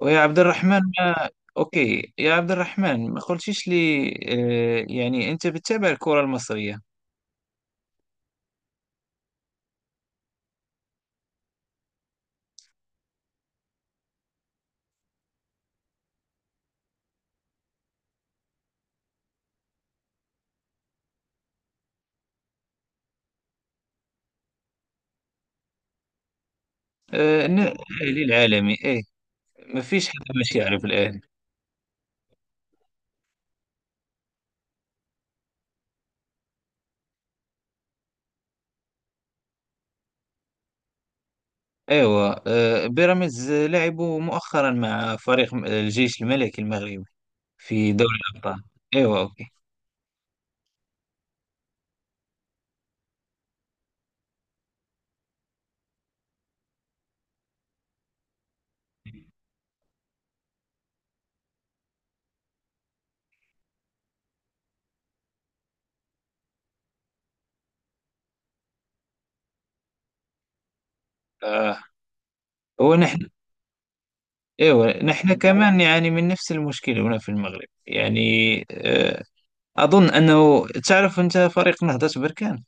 ويا عبد الرحمن ما أوكي يا عبد الرحمن ما قلتيش لي، يعني أنت بتتابع الكرة المصرية؟ الأهلي العالمي إيه؟ ما فيش حد مش يعرف الأهلي. أيوة بيراميدز لعبوا مؤخرا مع فريق الجيش الملكي المغربي في دوري الأبطال. أيوة أوكي. آه، هو نحن، أيوة نحن كمان يعني من نفس المشكلة هنا في المغرب يعني. آه، أظن أنه تعرف أنت فريق نهضة بركان.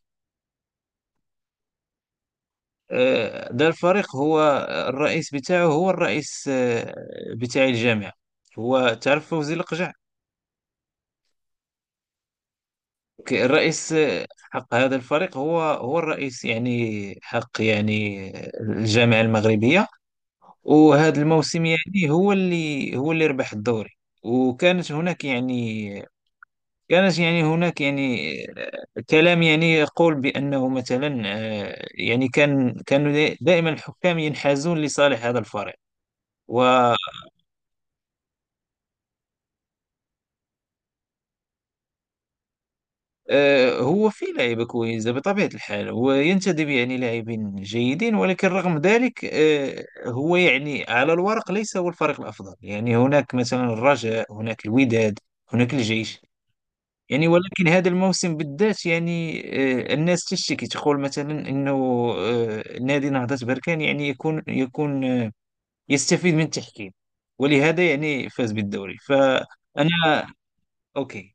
ده الفريق، هو الرئيس بتاعه هو الرئيس، بتاع الجامعة. هو تعرف فوزي القجع؟ الرئيس حق هذا الفريق هو هو الرئيس يعني حق يعني الجامعة المغربية. وهذا الموسم يعني هو اللي ربح الدوري. وكانت هناك يعني كانت يعني هناك يعني، كلام يعني يقول بأنه مثلا، يعني كانوا دائما الحكام ينحازون لصالح هذا الفريق. و هو في لعيبة كويسة بطبيعة الحال، هو ينتدب يعني لاعبين جيدين، ولكن رغم ذلك هو يعني على الورق ليس هو الفريق الأفضل، يعني هناك مثلا الرجاء، هناك الوداد، هناك الجيش يعني. ولكن هذا الموسم بالذات يعني، الناس تشتكي تقول مثلا أنه، نادي نهضة بركان يعني يكون يستفيد من التحكيم، ولهذا يعني فاز بالدوري. فأنا أوكي.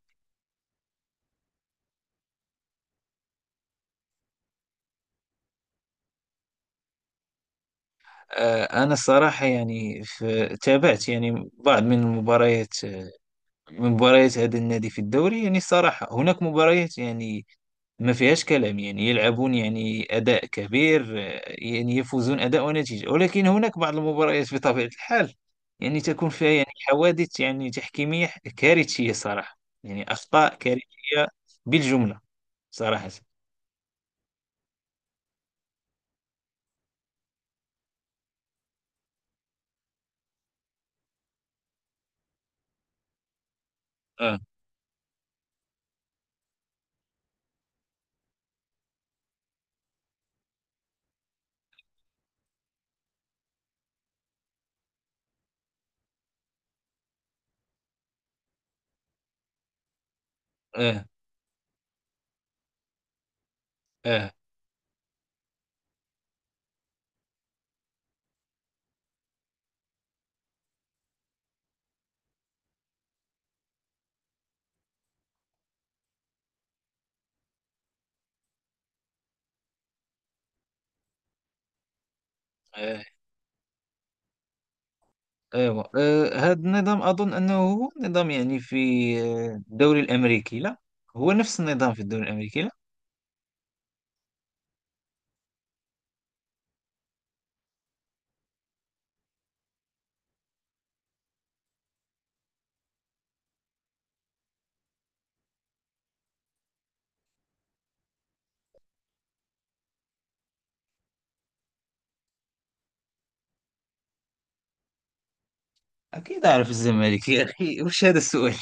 أنا الصراحة يعني في تابعت يعني بعض من المباريات، من مباريات هذا النادي في الدوري، يعني الصراحة هناك مباريات يعني ما فيهاش كلام، يعني يلعبون يعني أداء كبير، يعني يفوزون أداء ونتيجة. ولكن هناك بعض المباريات بطبيعة الحال يعني تكون فيها يعني حوادث يعني تحكيمية كارثية صراحة، يعني أخطاء كارثية بالجملة صراحة. آه آه آه آه. ايوه، هذا النظام اظن انه هو نظام يعني في، الدوري الامريكي لا، هو نفس النظام في الدوري الامريكي لا؟ اكيد اعرف الزمالك يا اخي وش هذا السؤال.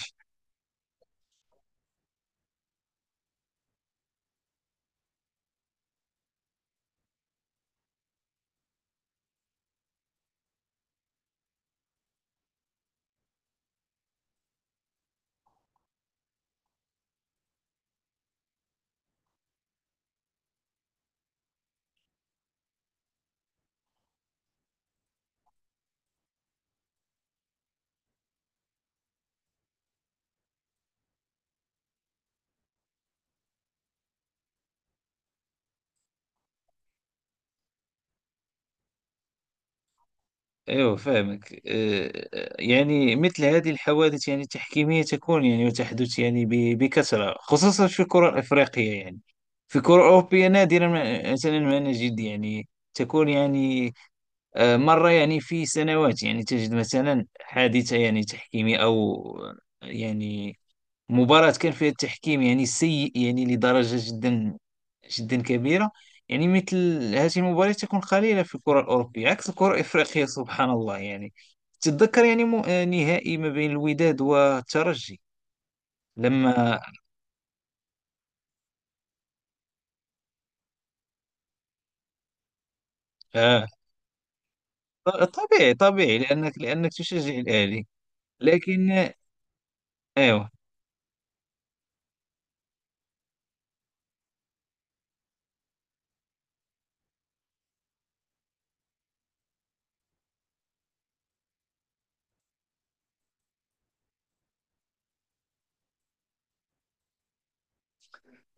ايوه فاهمك. يعني مثل هذه الحوادث يعني التحكيميه تكون يعني وتحدث يعني بكثره، خصوصا في الكره الافريقيه يعني. في الكره الاوروبيه نادرا ما مثلا ما نجد يعني تكون يعني، مره يعني في سنوات يعني تجد مثلا حادثه يعني تحكيميه او يعني مباراة كان فيها التحكيم يعني سيء يعني لدرجة جدا جدا كبيرة. يعني مثل هذه المباريات تكون قليلة في الكرة الأوروبية عكس الكرة الإفريقية، سبحان الله. يعني تتذكر يعني م... آه، نهائي ما بين الوداد والترجي لما. آه، طبيعي طبيعي لأنك تشجع الأهلي. لكن، أيوه.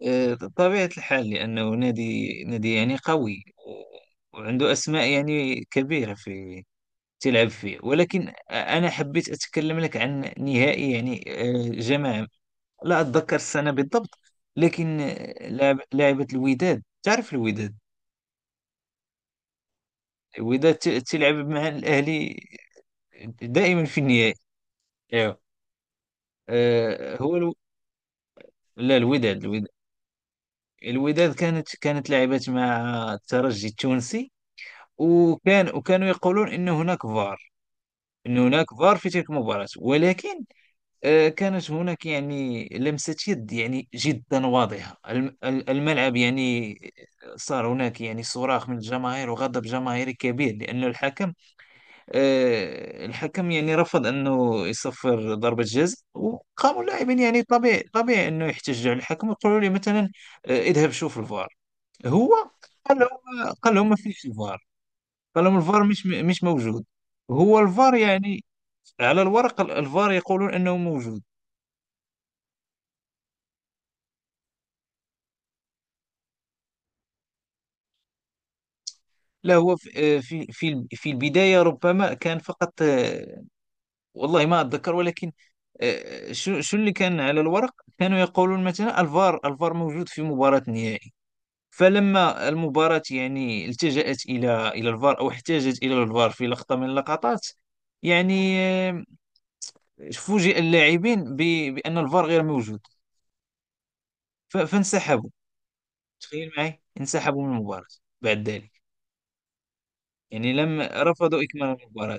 طبيعة الحال، لأنه نادي يعني قوي وعنده أسماء يعني كبيرة في تلعب فيه. ولكن أنا حبيت أتكلم لك عن نهائي يعني، جماعة لا أتذكر السنة بالضبط، لكن لعبت الوداد. تعرف الوداد؟ الوداد تلعب مع الأهلي دائما في النهائي. أيوه. آه، هو الو... لا، الوداد الوداد كانت لعبت مع الترجي التونسي. وكان يقولون أن هناك فار، أن هناك فار في تلك المباراة. ولكن كانت هناك يعني لمسة يد يعني جدا واضحة، الملعب يعني صار هناك يعني صراخ من الجماهير وغضب جماهيري كبير، لأن الحكم الحكم يعني رفض أنه يصفر ضربة جزاء. وقاموا اللاعبين يعني طبيعي طبيعي أنه يحتجوا على الحكم ويقولوا لي مثلا، اذهب شوف الفار. هو قال لهم، قال لهم ما فيش الفار، قال لهم الفار مش موجود. هو الفار يعني على الورق، الفار يقولون أنه موجود. لا، هو في في في البداية ربما كان فقط، والله ما أتذكر. ولكن آه، شو شو اللي كان على الورق، كانوا يقولون مثلا الفار، الفار موجود في مباراة النهائي. فلما المباراة يعني التجأت إلى الفار، أو احتاجت إلى الفار في لقطة من اللقطات يعني، فوجئ اللاعبين بأن الفار غير موجود. فانسحبوا، تخيل معي، انسحبوا من المباراة بعد ذلك. يعني لم، رفضوا إكمال المباراة.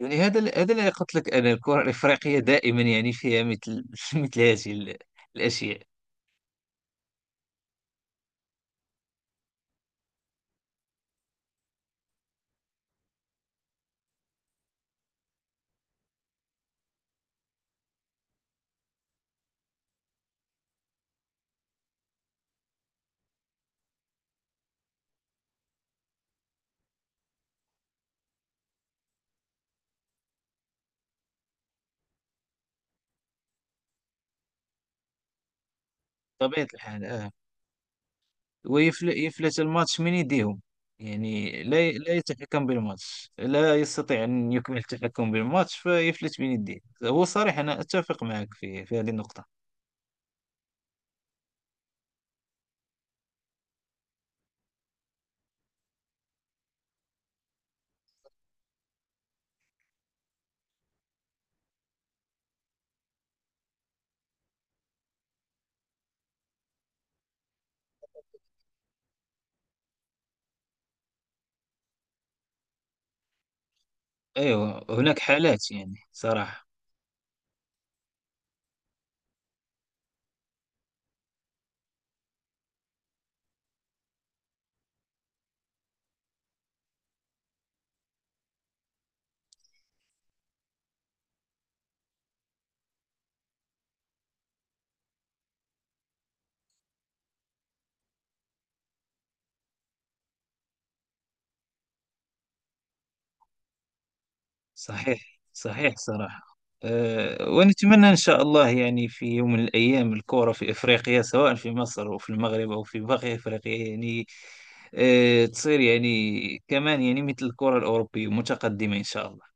يعني هذا اللي قلت لك، انا الكره الافريقيه دائما يعني فيها مثل مثل هذه الاشياء. طبيعه الحال اه. ويفلت الماتش من يديهم، يعني لا لا يتحكم بالماتش، لا يستطيع ان يكمل التحكم بالماتش، فيفلت من يديه. هو صريح، انا اتفق معك في هذه النقطه. ايوه هناك حالات يعني صراحه. صحيح صحيح صراحة. أه، ونتمنى إن شاء الله يعني في يوم من الأيام الكورة في إفريقيا، سواء في مصر أو في المغرب أو في باقي إفريقيا يعني، أه تصير يعني كمان يعني مثل الكورة الأوروبية متقدمة إن شاء الله.